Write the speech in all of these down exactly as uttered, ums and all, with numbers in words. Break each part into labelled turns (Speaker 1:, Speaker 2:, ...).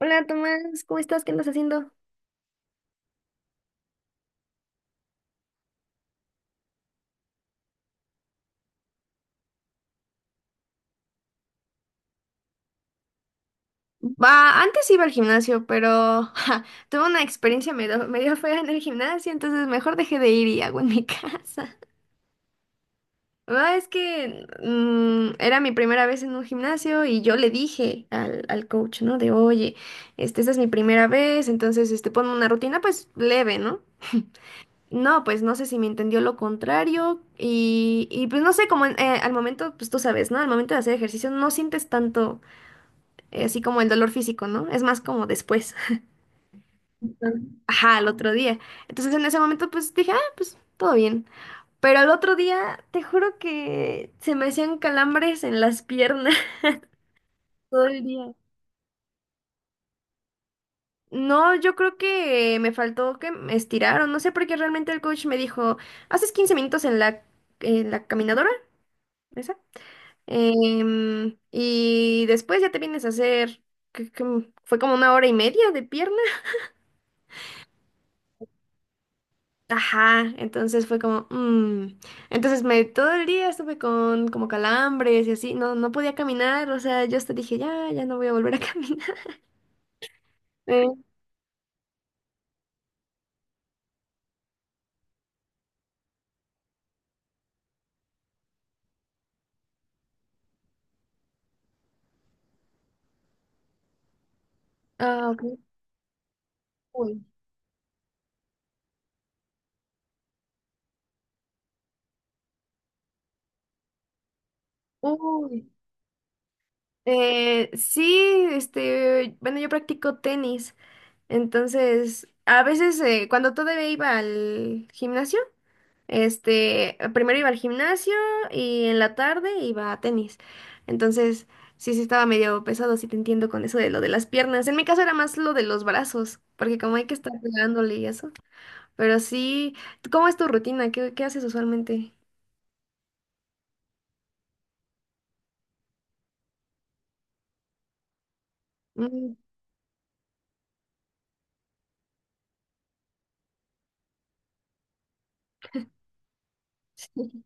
Speaker 1: Hola Tomás, ¿cómo estás? ¿Qué andas haciendo? Va, antes iba al gimnasio, pero ja, tuve una experiencia medio, medio fea en el gimnasio, entonces mejor dejé de ir y hago en mi casa. Ah, es que mm, era mi primera vez en un gimnasio y yo le dije al, al coach, ¿no? De, oye, este, esta es mi primera vez, entonces, este, ponme una rutina, pues, leve, ¿no? No, pues no sé si me entendió lo contrario y, y pues no sé, como en- eh, al momento, pues tú sabes, ¿no? Al momento de hacer ejercicio no sientes tanto eh, así como el dolor físico, ¿no? Es más como después. Ajá, al otro día. Entonces en ese momento pues dije, ah, pues todo bien. Pero al otro día, te juro que se me hacían calambres en las piernas todo el día. No, yo creo que me faltó que me estiraron, no sé por qué realmente el coach me dijo, haces quince minutos en la, en la caminadora, esa, em, y después ya te vienes a hacer, que- que fue como una hora y media de pierna. Ajá, entonces fue como, mm. Entonces me todo el día estuve con como calambres y así, no, no podía caminar, o sea, yo hasta dije, ya, ya no voy a volver a caminar. Eh, ah, ok. Uy. Uy. Eh, sí, este, bueno, yo practico tenis, entonces a veces eh, cuando todavía iba al gimnasio. Este, primero iba al gimnasio y en la tarde iba a tenis. Entonces, sí, sí estaba medio pesado, sí te entiendo con eso de lo de las piernas. En mi caso era más lo de los brazos, porque como hay que estar pegándole y eso. Pero sí, ¿cómo es tu rutina? ¿Qué, qué haces usualmente? Mm, sí.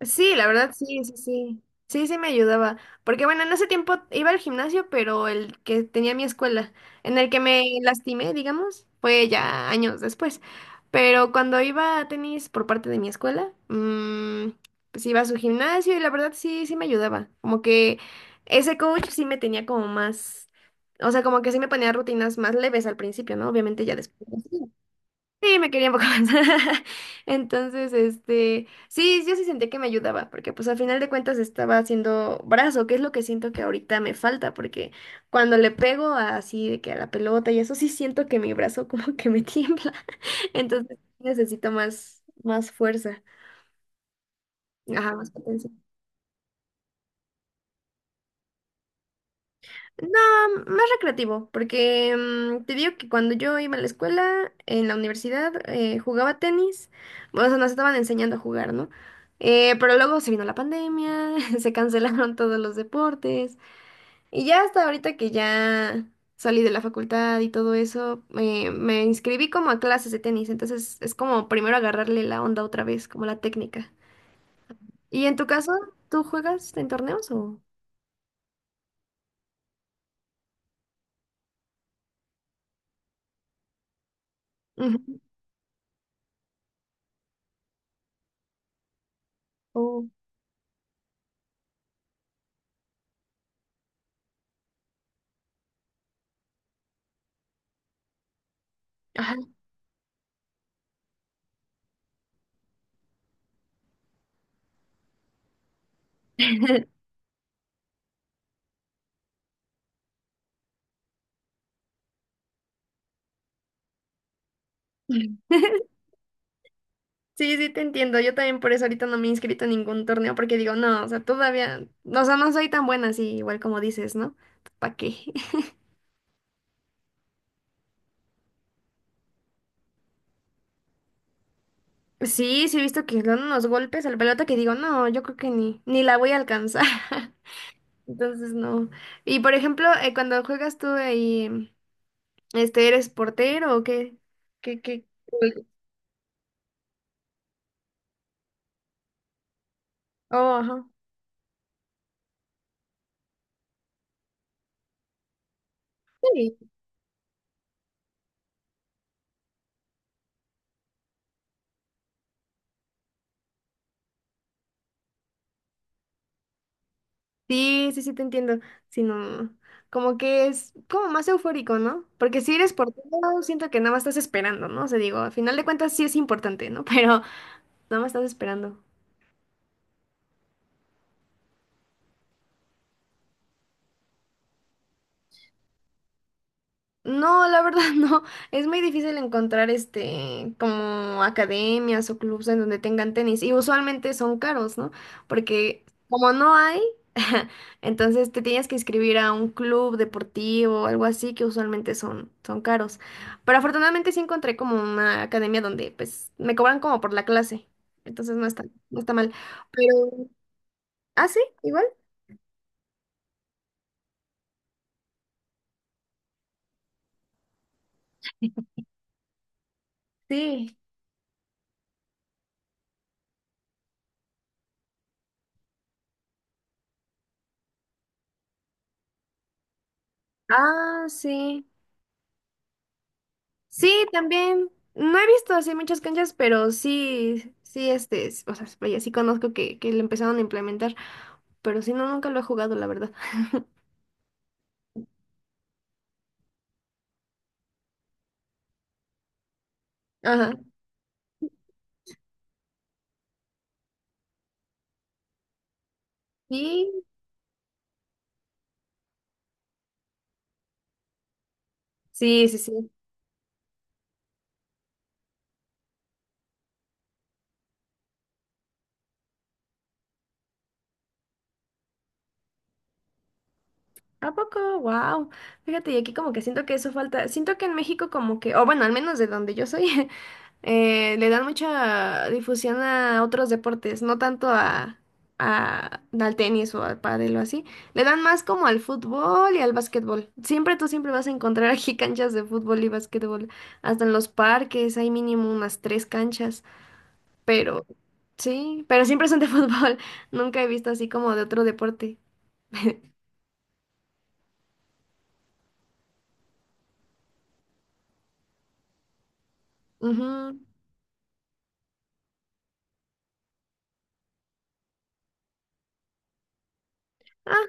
Speaker 1: Sí, la verdad, sí, sí, sí. Sí, sí me ayudaba. Porque bueno, en ese tiempo iba al gimnasio, pero el que tenía mi escuela, en el que me lastimé, digamos, fue ya años después. Pero cuando iba a tenis por parte de mi escuela, mm, pues iba a su gimnasio y la verdad sí, sí me ayudaba. Como que ese coach sí me tenía como más, o sea, como que sí me ponía rutinas más leves al principio, ¿no? Obviamente ya después. Sí, me quería un poco más. Entonces, este, sí, yo sí sentí que me ayudaba, porque pues al final de cuentas estaba haciendo brazo, que es lo que siento que ahorita me falta, porque cuando le pego así de que a la pelota y eso sí siento que mi brazo como que me tiembla. Entonces sí necesito más, más fuerza. Ajá, más potencia. No, más recreativo, porque mm, te digo que cuando yo iba a la escuela, en la universidad, eh, jugaba tenis, bueno, o sea, nos estaban enseñando a jugar, ¿no? Eh, pero luego se vino la pandemia, se cancelaron todos los deportes, y ya hasta ahorita que ya salí de la facultad y todo eso, eh, me inscribí como a clases de tenis, entonces es como primero agarrarle la onda otra vez, como la técnica. ¿Y en tu caso, tú juegas en torneos o...? Ujú. O- Ajá. Sí, sí, te entiendo. Yo también por eso ahorita no me he inscrito en ningún torneo porque digo, no, o sea, todavía, o sea, no soy tan buena así, igual como dices, ¿no? ¿Para qué? Sí, sí he visto que le dan unos golpes al pelota que digo, no, yo creo que ni, ni la voy a alcanzar. Entonces, no. Y por ejemplo, eh, cuando juegas tú ahí, este, ¿eres portero o qué? ¿Qué, qué? Oh, ajá. Sí. Sí, sí, sí, te entiendo. Sino, como que es como más eufórico, ¿no? Porque si eres portero, siento que nada más estás esperando, ¿no? O sea, digo, al final de cuentas sí es importante, ¿no? Pero nada más estás esperando. No, la verdad no. Es muy difícil encontrar este como academias o clubs en donde tengan tenis y usualmente son caros, ¿no? Porque como no hay, entonces te tienes que inscribir a un club deportivo o algo así que usualmente son son caros. Pero afortunadamente sí encontré como una academia donde pues me cobran como por la clase. Entonces no está no está mal. Pero ah, sí, igual. Sí. Ah, sí. Sí, también. No he visto así muchas canchas, pero sí, sí, este, s- o sea, vaya, sí conozco que, que lo empezaron a implementar, pero sí, no, nunca lo he jugado, la verdad. Ajá. Sí, sí, sí, sí. ¿A poco? Wow. Fíjate, y aquí como que siento que eso falta. Siento que en México como que, o bueno, al menos de donde yo soy, eh, le dan mucha difusión a otros deportes, no tanto a, a- al tenis o al pádel o así. Le dan más como al fútbol y al básquetbol. Siempre tú siempre vas a encontrar aquí canchas de fútbol y básquetbol. Hasta en los parques hay mínimo unas tres canchas, pero sí, pero siempre son de fútbol. Nunca he visto así como de otro deporte. Ujú. Ah,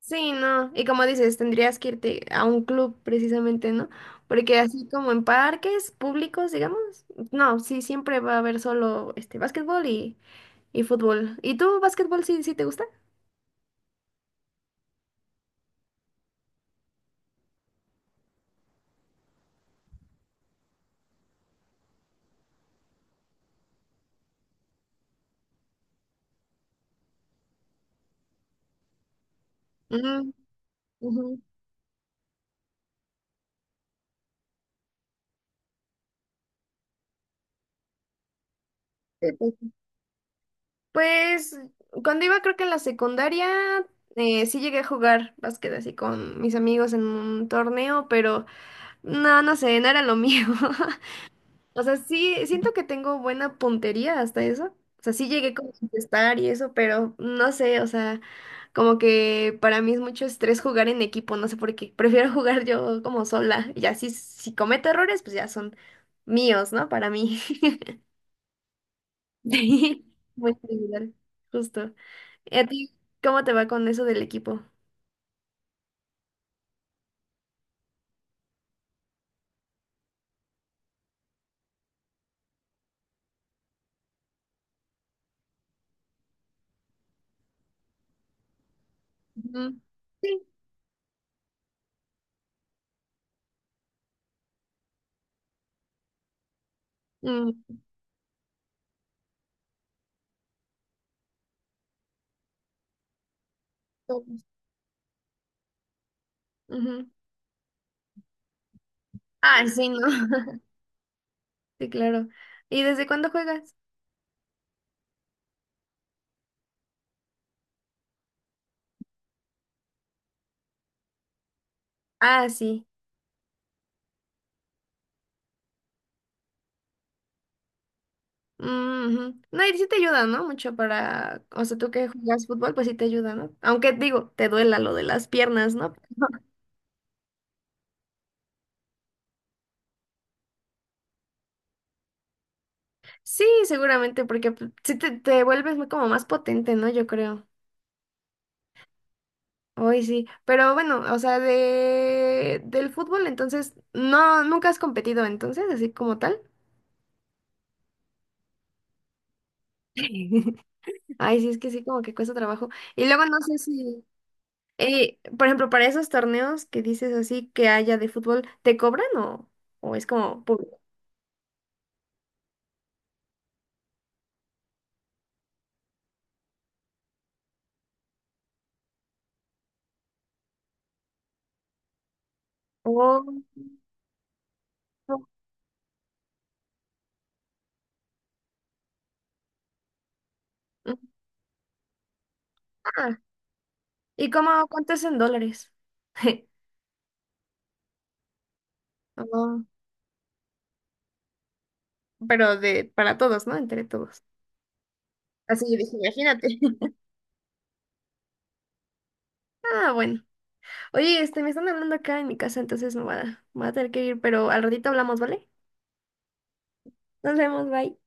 Speaker 1: sí, no. Y como dices, tendrías que irte a un club precisamente, ¿no? Porque así como en parques públicos, digamos, no, sí, siempre va a haber solo este básquetbol y, y fútbol. ¿Y tú, básquetbol, sí, sí te gusta? Mm, ujú. Sí, pues sí. Pues, cuando iba creo que en la secundaria, eh, sí llegué a jugar básquet así con mis amigos en un torneo, pero no, no sé, no era lo mío. O sea, sí, siento que tengo buena puntería hasta eso. O sea, sí llegué como a contestar y eso, pero no sé, o sea, como que para mí es mucho estrés jugar en equipo, no sé por qué. Prefiero jugar yo como sola. Y así, si si cometo errores, pues ya son míos, ¿no? Para mí. Sí, muy individual, justo. ¿Y a ti cómo te va con eso del equipo? Ujú. Sí. Mm, todos. Ujú. Ah, sí, ¿no? Sí, claro. ¿Y desde cuándo juegas? Ah, sí. Ujú. No, y sí te ayuda, ¿no? Mucho para, o sea, tú que juegas fútbol, pues sí te ayuda, ¿no? Aunque digo, te duela lo de las piernas, ¿no? Sí, seguramente, porque pues, sí te, te vuelves muy, como más potente, ¿no? Yo creo. Hoy sí. Pero bueno, o sea, de del fútbol, entonces, no, nunca has competido entonces, así como tal. Ay, sí, es que sí, como que cuesta trabajo. Y luego no sé si, eh, por ejemplo, para esos torneos que dices así que haya de fútbol, ¿te cobran o, o es como público? Oh, ah, ¿y cómo cuánto es en dólares? Oh, pero de para todos, ¿no? Entre todos. Así yo dije, imagínate. Ah, bueno. Oye, este, me están hablando acá en mi casa, entonces me voy a, me voy a tener que ir, pero al ratito hablamos, ¿vale? Nos vemos, bye.